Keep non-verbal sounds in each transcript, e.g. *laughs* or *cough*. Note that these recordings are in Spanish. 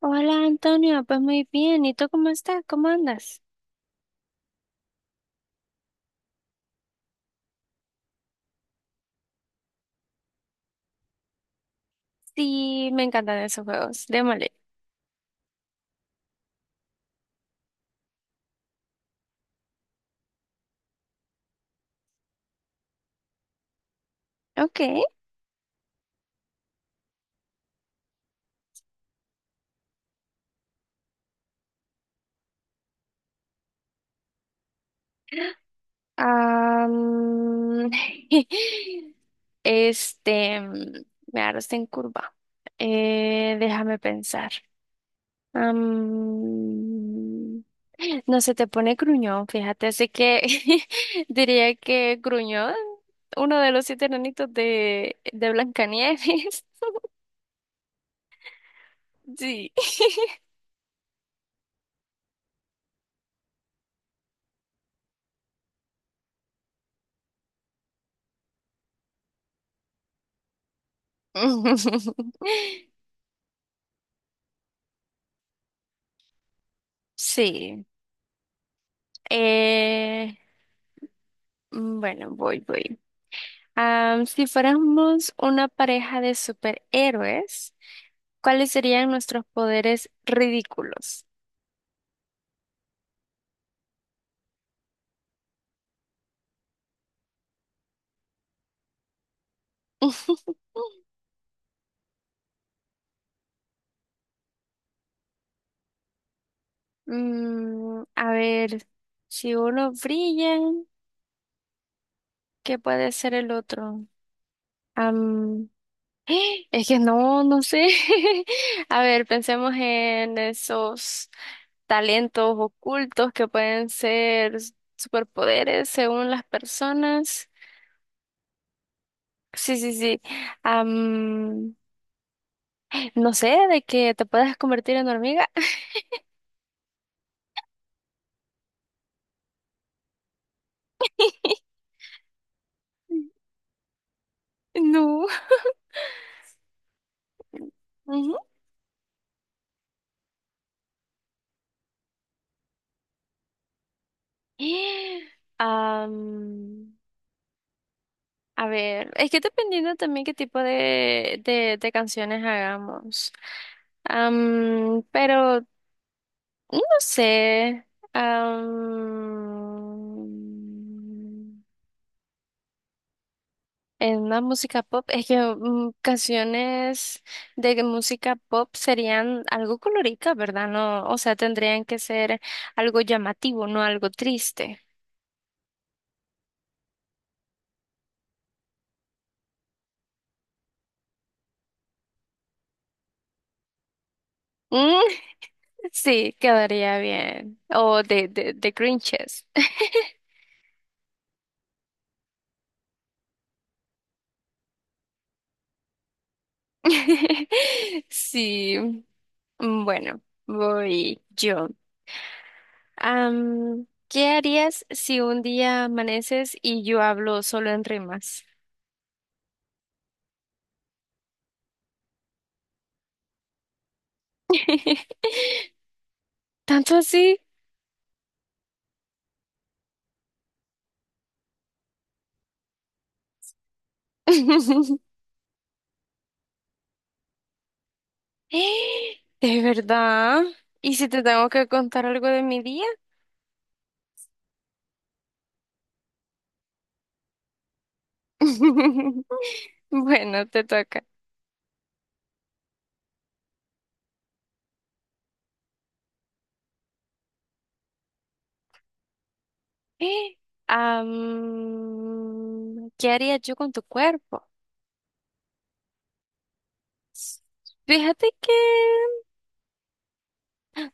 Hola Antonio, pues muy bien. ¿Y tú cómo estás? ¿Cómo andas? Sí, me encantan esos juegos. Démosle. Ok. am, *laughs* este, mm, me agarraste en curva. Déjame pensar. Am, *gasps* no se te pone gruñón, fíjate. Así que *laughs* diría que gruñón, uno de los siete enanitos de Blancanieves. *laughs* Sí. *laughs* Sí. Eh, bueno, voy. Si fuéramos una pareja de superhéroes, ¿cuáles serían nuestros poderes ridículos? *laughs* A ver, si uno brilla, ¿qué puede ser el otro? *gasps* Es que no sé. *laughs* A ver, pensemos en esos talentos ocultos que pueden ser superpoderes según las personas. Sí, sí, sí. Am, no sé, de que te puedas convertir en hormiga. *laughs* No. Ujú. Am, a ver, es que dependiendo también qué tipo de canciones hagamos. Pero No sé. am, en una música pop, es que canciones de música pop serían algo colorica, ¿verdad? No, o sea, tendrían que ser algo llamativo, no algo triste. Mm, *laughs* sí, quedaría bien. O de Grinches. *laughs* Sí. Bueno, voy yo. ¿Qué harías si un día amaneces y yo hablo solo en rimas? *laughs* ¿Tanto así? *laughs* ¿De verdad? ¿Y si te tengo que contar algo de mi día? *laughs* Bueno, te toca. ¿Qué haría yo con tu cuerpo? Fíjate que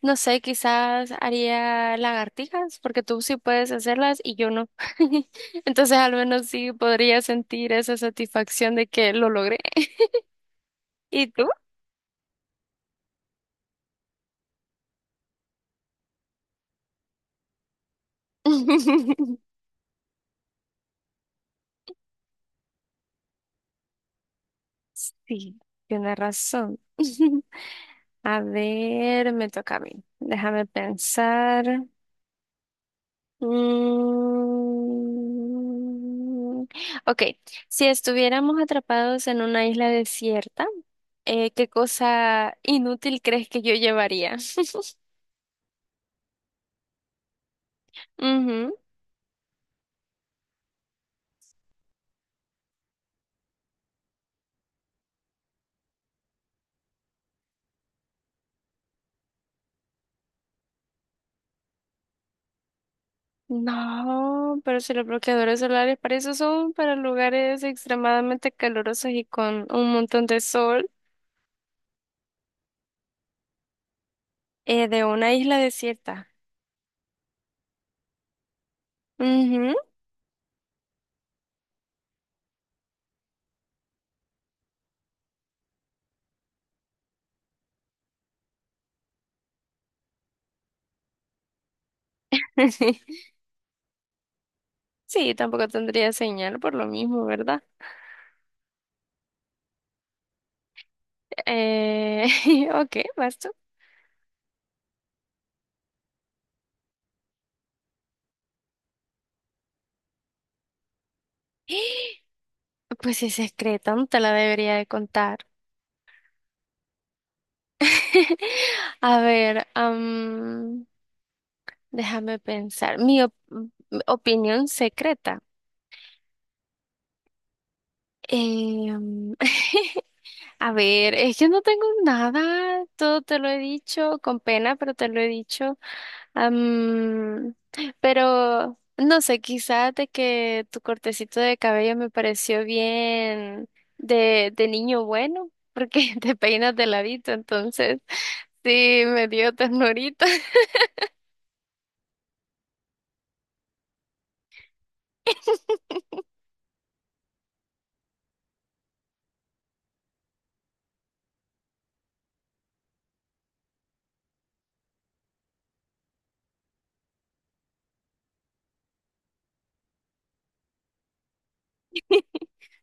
No sé, quizás haría lagartijas, porque tú sí puedes hacerlas y yo no. *laughs* Entonces al menos sí podría sentir esa satisfacción de que lo logré. ¿Y tú? *laughs* Sí, tienes razón. *laughs* A ver, me toca a mí. Déjame pensar. Mm, Ok, si estuviéramos atrapados en una isla desierta, ¿qué cosa inútil crees que yo llevaría? Ujú. No, pero si los bloqueadores solares para eso son para lugares extremadamente calurosos y con un montón de sol de una isla desierta. Ujú. *laughs* Sí, tampoco tendría señal por lo mismo, ¿verdad? Eh, *laughs* ok, basta. Pues si es secreta, no te la debería de contar. *laughs* A ver, déjame pensar. Opinión secreta. Em, *laughs* A ver, es que no tengo nada, todo te lo he dicho, con pena, pero te lo he dicho. Am, pero no sé, quizás de que tu cortecito de cabello me pareció bien de niño bueno, porque *laughs* te peinas de ladito, entonces sí, me dio ternurita. *laughs*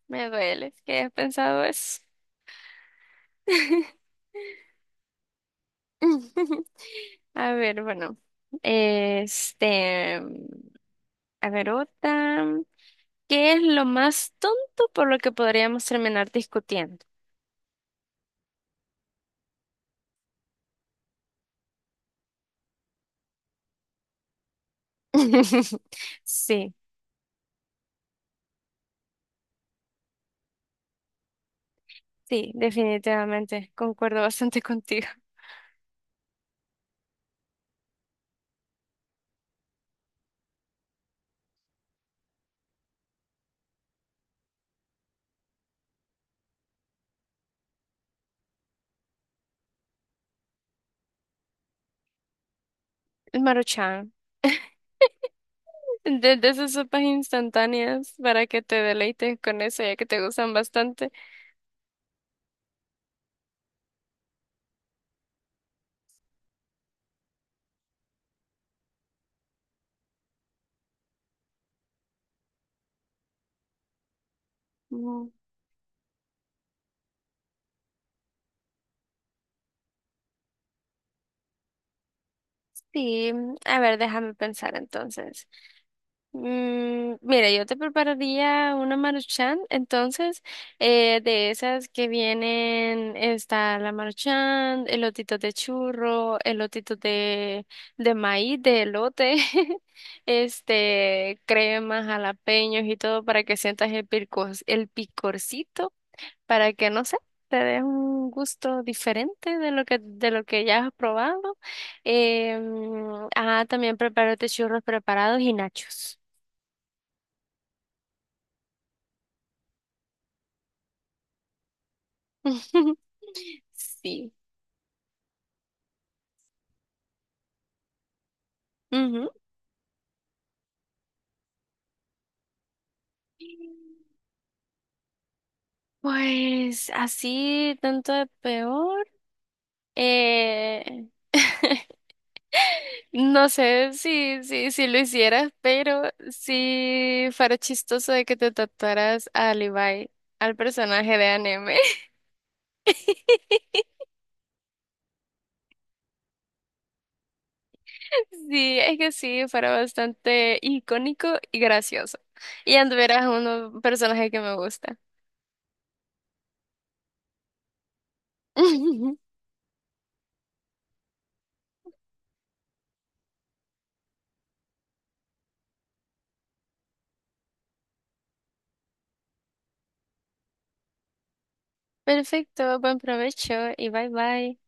Me duele que hayas pensado eso. *laughs* A ver, bueno, este, a ver otra. ¿Qué es lo más tonto por lo que podríamos terminar discutiendo? *laughs* Sí, sí, definitivamente. Concuerdo bastante contigo. El Maruchan. *laughs* De, esas sopas instantáneas para que te deleites con eso, ya que te gustan bastante. Mm, Sí, a ver, déjame pensar entonces. Mira, yo te prepararía una maruchan, entonces, de esas que vienen, está la maruchan, elotitos de churro, elotitos de maíz, de elote, *laughs* este, cremas, jalapeños y todo para que sientas el picor, el picorcito, para que, no sé, te des un gusto diferente de lo que ya has probado. Eh, También prepárate churros preparados y nachos. *laughs* Sí. Ujú. Pues así, tanto de peor. Eh, *laughs* no sé si lo hicieras, pero si fuera chistoso de que te tatuaras a Levi, al personaje de anime. *laughs* Sí, es que sí, fuera bastante icónico y gracioso. Y anduvieras uno personaje que me gusta. *laughs* Perfecto, buen provecho y bye bye.